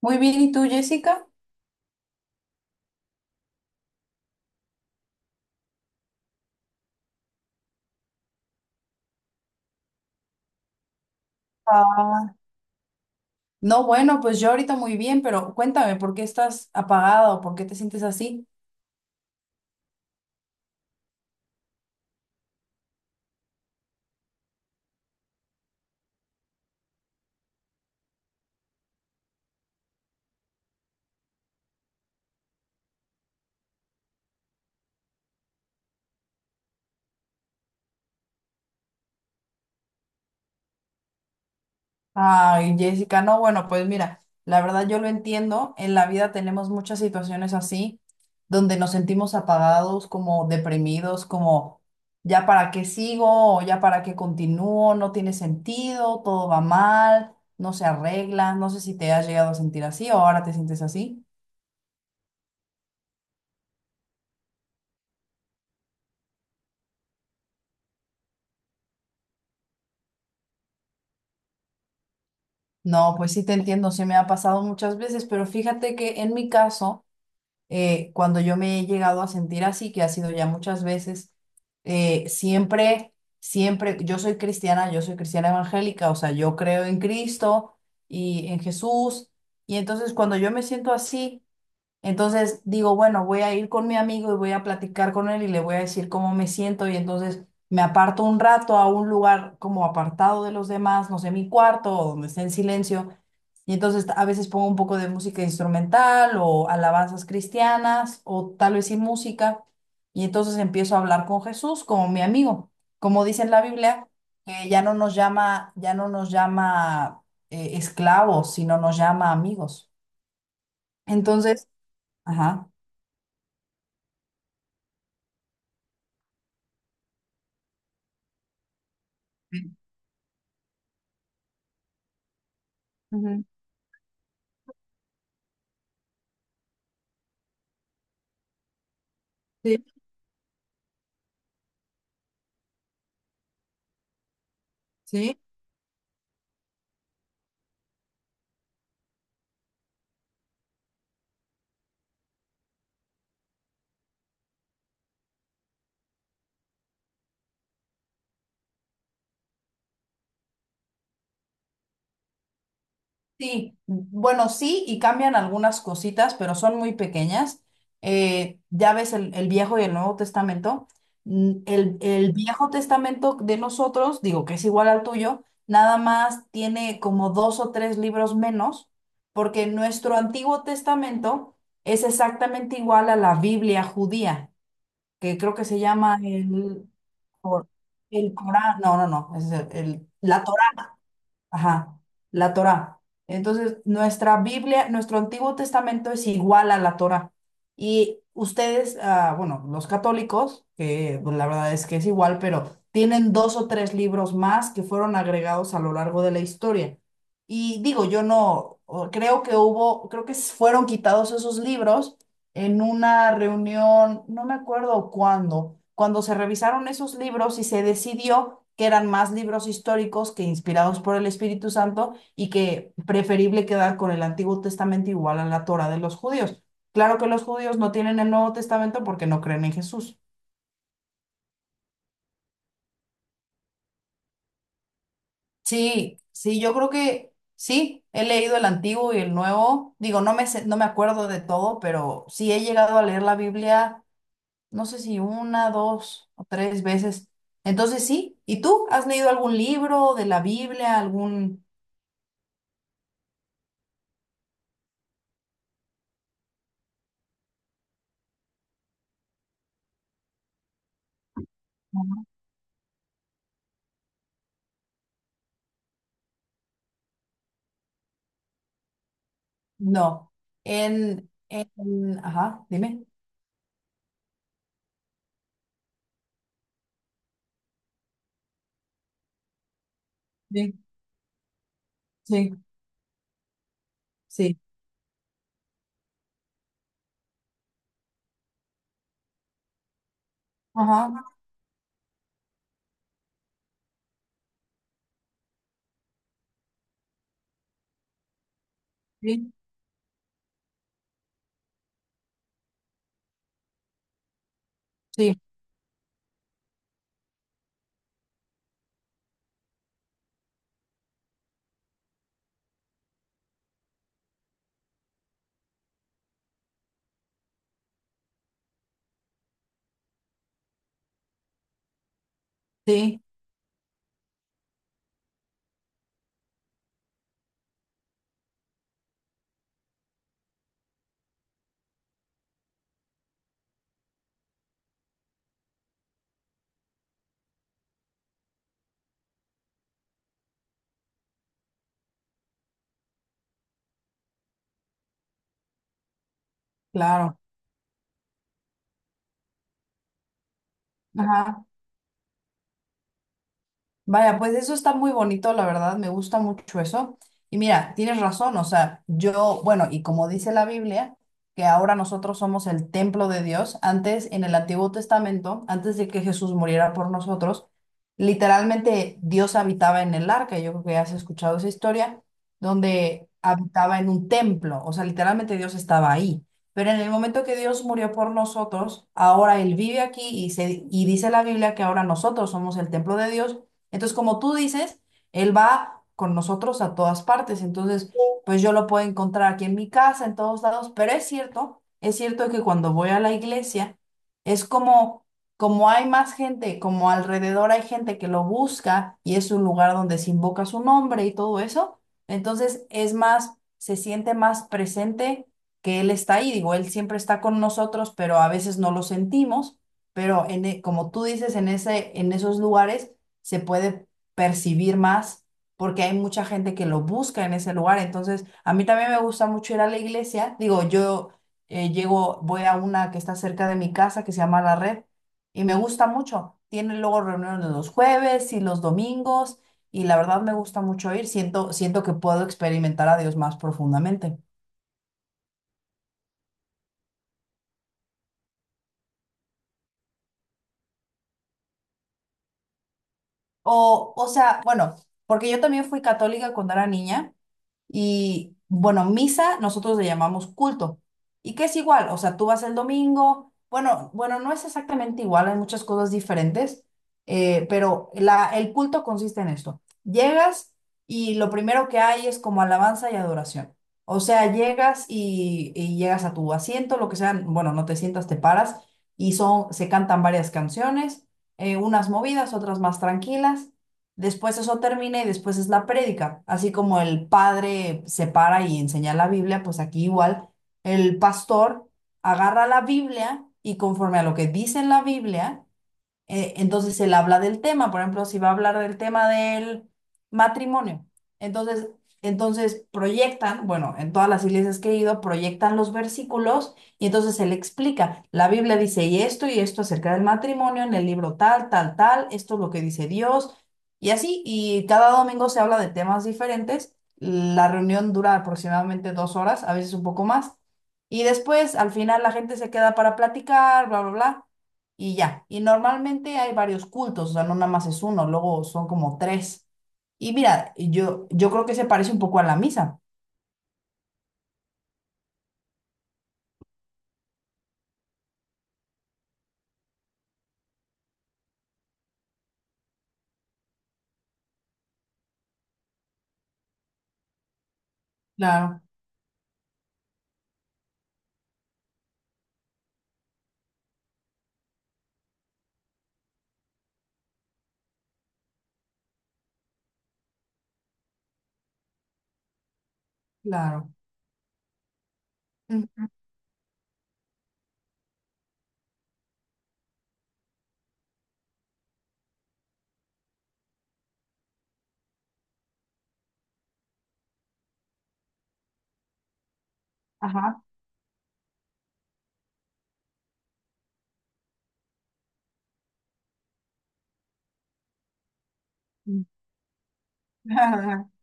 Muy bien, ¿y tú, Jessica? Ah, no, bueno, pues yo ahorita muy bien, pero cuéntame, ¿por qué estás apagada o por qué te sientes así? Ay, Jessica, no, bueno, pues mira, la verdad yo lo entiendo, en la vida tenemos muchas situaciones así, donde nos sentimos apagados, como deprimidos, como ya para qué sigo o ya para qué continúo, no tiene sentido, todo va mal, no se arregla, no sé si te has llegado a sentir así o ahora te sientes así. No, pues sí te entiendo, sí me ha pasado muchas veces, pero fíjate que en mi caso, cuando yo me he llegado a sentir así, que ha sido ya muchas veces, siempre, siempre, yo soy cristiana evangélica, o sea, yo creo en Cristo y en Jesús, y entonces cuando yo me siento así, entonces digo, bueno, voy a ir con mi amigo y voy a platicar con él y le voy a decir cómo me siento, y entonces me aparto un rato a un lugar como apartado de los demás, no sé, mi cuarto o donde esté en silencio y entonces a veces pongo un poco de música instrumental o alabanzas cristianas o tal vez sin música. Y entonces empiezo a hablar con Jesús como mi amigo. Como dice en la Biblia, que ya no nos llama esclavos, sino nos llama amigos. Entonces, ajá. Ujú. Sí, sí. Sí, bueno, sí, y cambian algunas cositas, pero son muy pequeñas. Ya ves el Viejo y el Nuevo Testamento. El Viejo Testamento de nosotros, digo que es igual al tuyo, nada más tiene como dos o tres libros menos, porque nuestro Antiguo Testamento es exactamente igual a la Biblia judía, que creo que se llama el, Cor- el Corán, no, no, no, es la, ajá, la Torá. Entonces, nuestra Biblia, nuestro Antiguo Testamento es igual a la Torá. Y ustedes, ah, bueno, los católicos, que pues, la verdad es que es igual, pero tienen dos o tres libros más que fueron agregados a lo largo de la historia. Y digo, yo no, o- creo que hubo, creo que s- fueron quitados esos libros en una reunión, no me acuerdo cuándo, cuando se revisaron esos libros y se decidió que eran más libros históricos que inspirados por el Espíritu Santo y que preferible quedar con el Antiguo Testamento igual a la Torá de los judíos. Claro que los judíos no tienen el Nuevo Testamento porque no creen en Jesús. Sí, sí, yo creo que sí, he leído el Antiguo y el Nuevo. Digo, no me acuerdo de todo, pero sí he llegado a leer la Biblia no sé si una, dos o tres veces. Entonces sí. ¿Y tú has leído algún libro de la Biblia, algún... No. En... Ajá, dime. Sí, sí, sí, ajá, sí, sí, sí, claro. Ajá. Vaya, pues eso está muy bonito, la verdad, me gusta mucho eso. Y mira, tienes razón, o sea, yo, bueno, y como dice la Biblia, que ahora nosotros somos el templo de Dios, antes en el Antiguo Testamento, antes de que Jesús muriera por nosotros, literalmente Dios habitaba en el arca, yo creo que ya has escuchado esa historia, donde habitaba en un templo, o sea, literalmente Dios estaba ahí. Pero en el momento que Dios murió por nosotros, ahora Él vive aquí y dice la Biblia que ahora nosotros somos el templo de Dios, entonces, como tú dices, él va con nosotros a todas partes. Entonces, pues yo lo puedo encontrar aquí en mi casa, en todos lados. Pero es cierto que cuando voy a la iglesia, es como hay más gente, como alrededor hay gente que lo busca y es un lugar donde se invoca su nombre y todo eso. Entonces, es más, se siente más presente que él está ahí. Digo, él siempre está con nosotros, pero a veces no lo sentimos. Pero como tú dices, en esos lugares se puede percibir más porque hay mucha gente que lo busca en ese lugar. Entonces, a mí también me gusta mucho ir a la iglesia. Digo, yo llego, voy a una que está cerca de mi casa que se llama La Red y me gusta mucho. Tienen luego reuniones los jueves y los domingos y la verdad me gusta mucho ir. Siento que puedo experimentar a Dios más profundamente. O sea, bueno, porque yo también fui católica cuando era niña. Y bueno, misa nosotros le llamamos culto. ¿Y qué es igual? O sea, tú vas el domingo, bueno, bueno, no es exactamente igual, hay muchas cosas diferentes, pero el culto consiste en esto. Llegas y lo primero que hay es como alabanza y adoración. O sea, llegas y llegas a tu asiento, lo que sea, bueno, no te sientas, te paras y se cantan varias canciones, unas movidas, otras más tranquilas. Después eso termina y después es la prédica. Así como el padre se para y enseña la Biblia, pues aquí igual el pastor agarra la Biblia y conforme a lo que dice en la Biblia, entonces él habla del tema, por ejemplo, si va a hablar del tema del matrimonio. Entonces, entonces proyectan, bueno, en todas las iglesias que he ido, proyectan los versículos y entonces él explica, la Biblia dice y esto acerca del matrimonio, en el libro tal, tal, tal, esto es lo que dice Dios y así, y cada domingo se habla de temas diferentes. La reunión dura aproximadamente 2 horas, a veces un poco más. Y después, al final, la gente se queda para platicar, bla, bla, bla y ya. Y normalmente hay varios cultos, o sea, no nada más es uno, luego son como tres. Y mira, yo creo que se parece un poco a la misa. Claro, claro. Ujú, ajá.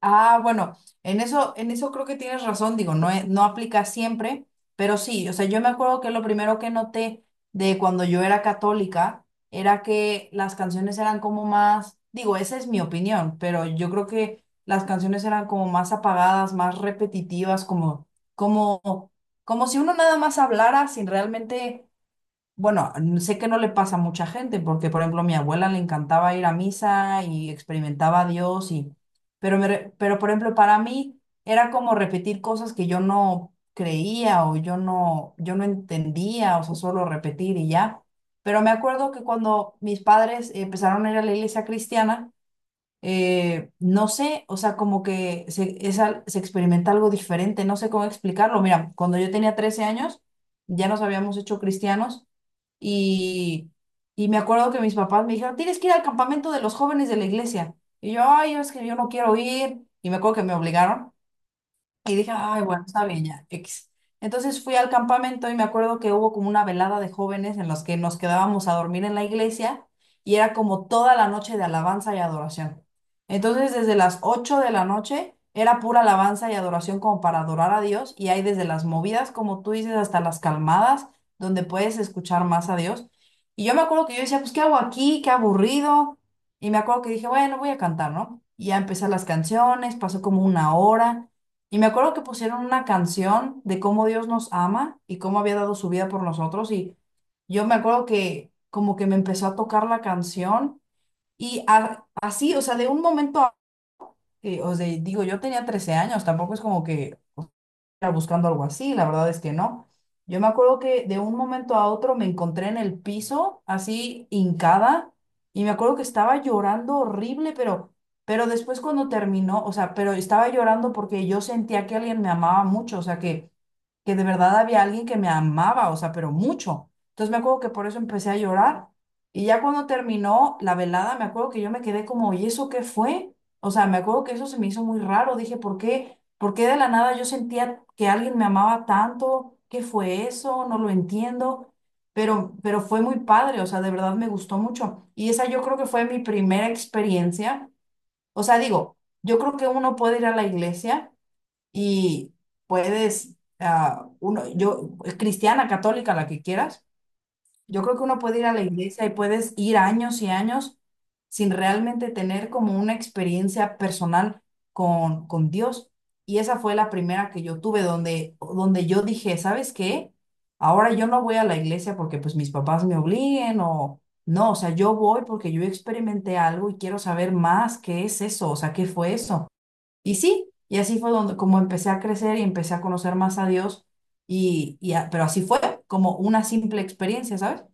Ah, bueno, en eso creo que tienes razón, digo, no, no aplica siempre, pero sí, o sea, yo me acuerdo que lo primero que noté de cuando yo era católica era que las canciones eran como más, digo, esa es mi opinión, pero yo creo que las canciones eran como más apagadas, más repetitivas, como, como si uno nada más hablara sin realmente, bueno, sé que no le pasa a mucha gente, porque por ejemplo a mi abuela le encantaba ir a misa y experimentaba a Dios y, pero pero por ejemplo para mí era como repetir cosas que yo no creía o yo no entendía, o sea, solo repetir y ya. Pero me acuerdo que cuando mis padres empezaron a ir a la iglesia cristiana, no sé, o sea, como que se, es al- se experimenta algo diferente, no sé cómo explicarlo. Mira, cuando yo tenía 13 años, ya nos habíamos hecho cristianos y, y me acuerdo que mis papás me dijeron, tienes que ir al campamento de los jóvenes de la iglesia. Y yo, ay, es que yo no quiero ir. Y me acuerdo que me obligaron. Y dije, ay, bueno, está bien ya, X. Entonces fui al campamento y me acuerdo que hubo como una velada de jóvenes en los que nos quedábamos a dormir en la iglesia y era como toda la noche de alabanza y adoración. Entonces desde las 8 de la noche era pura alabanza y adoración como para adorar a Dios y hay desde las movidas, como tú dices, hasta las calmadas, donde puedes escuchar más a Dios. Y yo me acuerdo que yo decía, pues, ¿qué hago aquí? Qué aburrido. Y me acuerdo que dije, bueno, voy a cantar, ¿no? Y ya empecé las canciones, pasó como una hora. Y me acuerdo que pusieron una canción de cómo Dios nos ama y cómo había dado su vida por nosotros. Y yo me acuerdo que como que me empezó a tocar la canción así, o sea, de un momento a o sea, digo, yo tenía 13 años, tampoco es como que buscando algo así, la verdad es que no. Yo me acuerdo que de un momento a otro me encontré en el piso, así hincada, y me acuerdo que estaba llorando horrible, pero después cuando terminó, o sea, pero estaba llorando porque yo sentía que alguien me amaba mucho, o sea, que de verdad había alguien que me amaba, o sea, pero mucho. Entonces me acuerdo que por eso empecé a llorar. Y ya cuando terminó la velada, me acuerdo que yo me quedé como, ¿y eso qué fue? O sea, me acuerdo que eso se me hizo muy raro. Dije, ¿por qué? ¿Por qué de la nada yo sentía que alguien me amaba tanto? ¿Qué fue eso? No lo entiendo. Pero fue muy padre, o sea, de verdad me gustó mucho. Y esa yo creo que fue mi primera experiencia. O sea, digo, yo creo que uno puede ir a la iglesia y puedes, ah, uno, yo, cristiana, católica, la que quieras, yo creo que uno puede ir a la iglesia y puedes ir años y años sin realmente tener como una experiencia personal con Dios. Y esa fue la primera que yo tuve donde yo dije, ¿sabes qué? Ahora yo no voy a la iglesia porque pues mis papás me obliguen o no, o sea, yo voy porque yo experimenté algo y quiero saber más qué es eso, o sea, qué fue eso. Y sí, y así fue donde como empecé a crecer y empecé a conocer más a Dios, pero así fue como una simple experiencia, ¿sabes?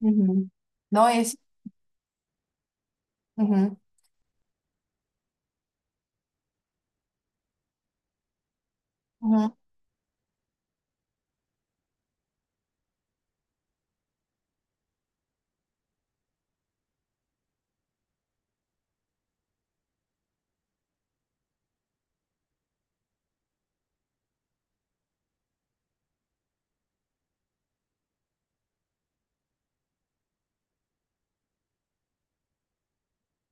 Ujú. No es. Ujú, ujú,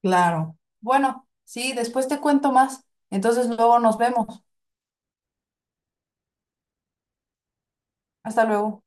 claro. Bueno, sí, después te cuento más. Entonces luego nos vemos. Hasta luego.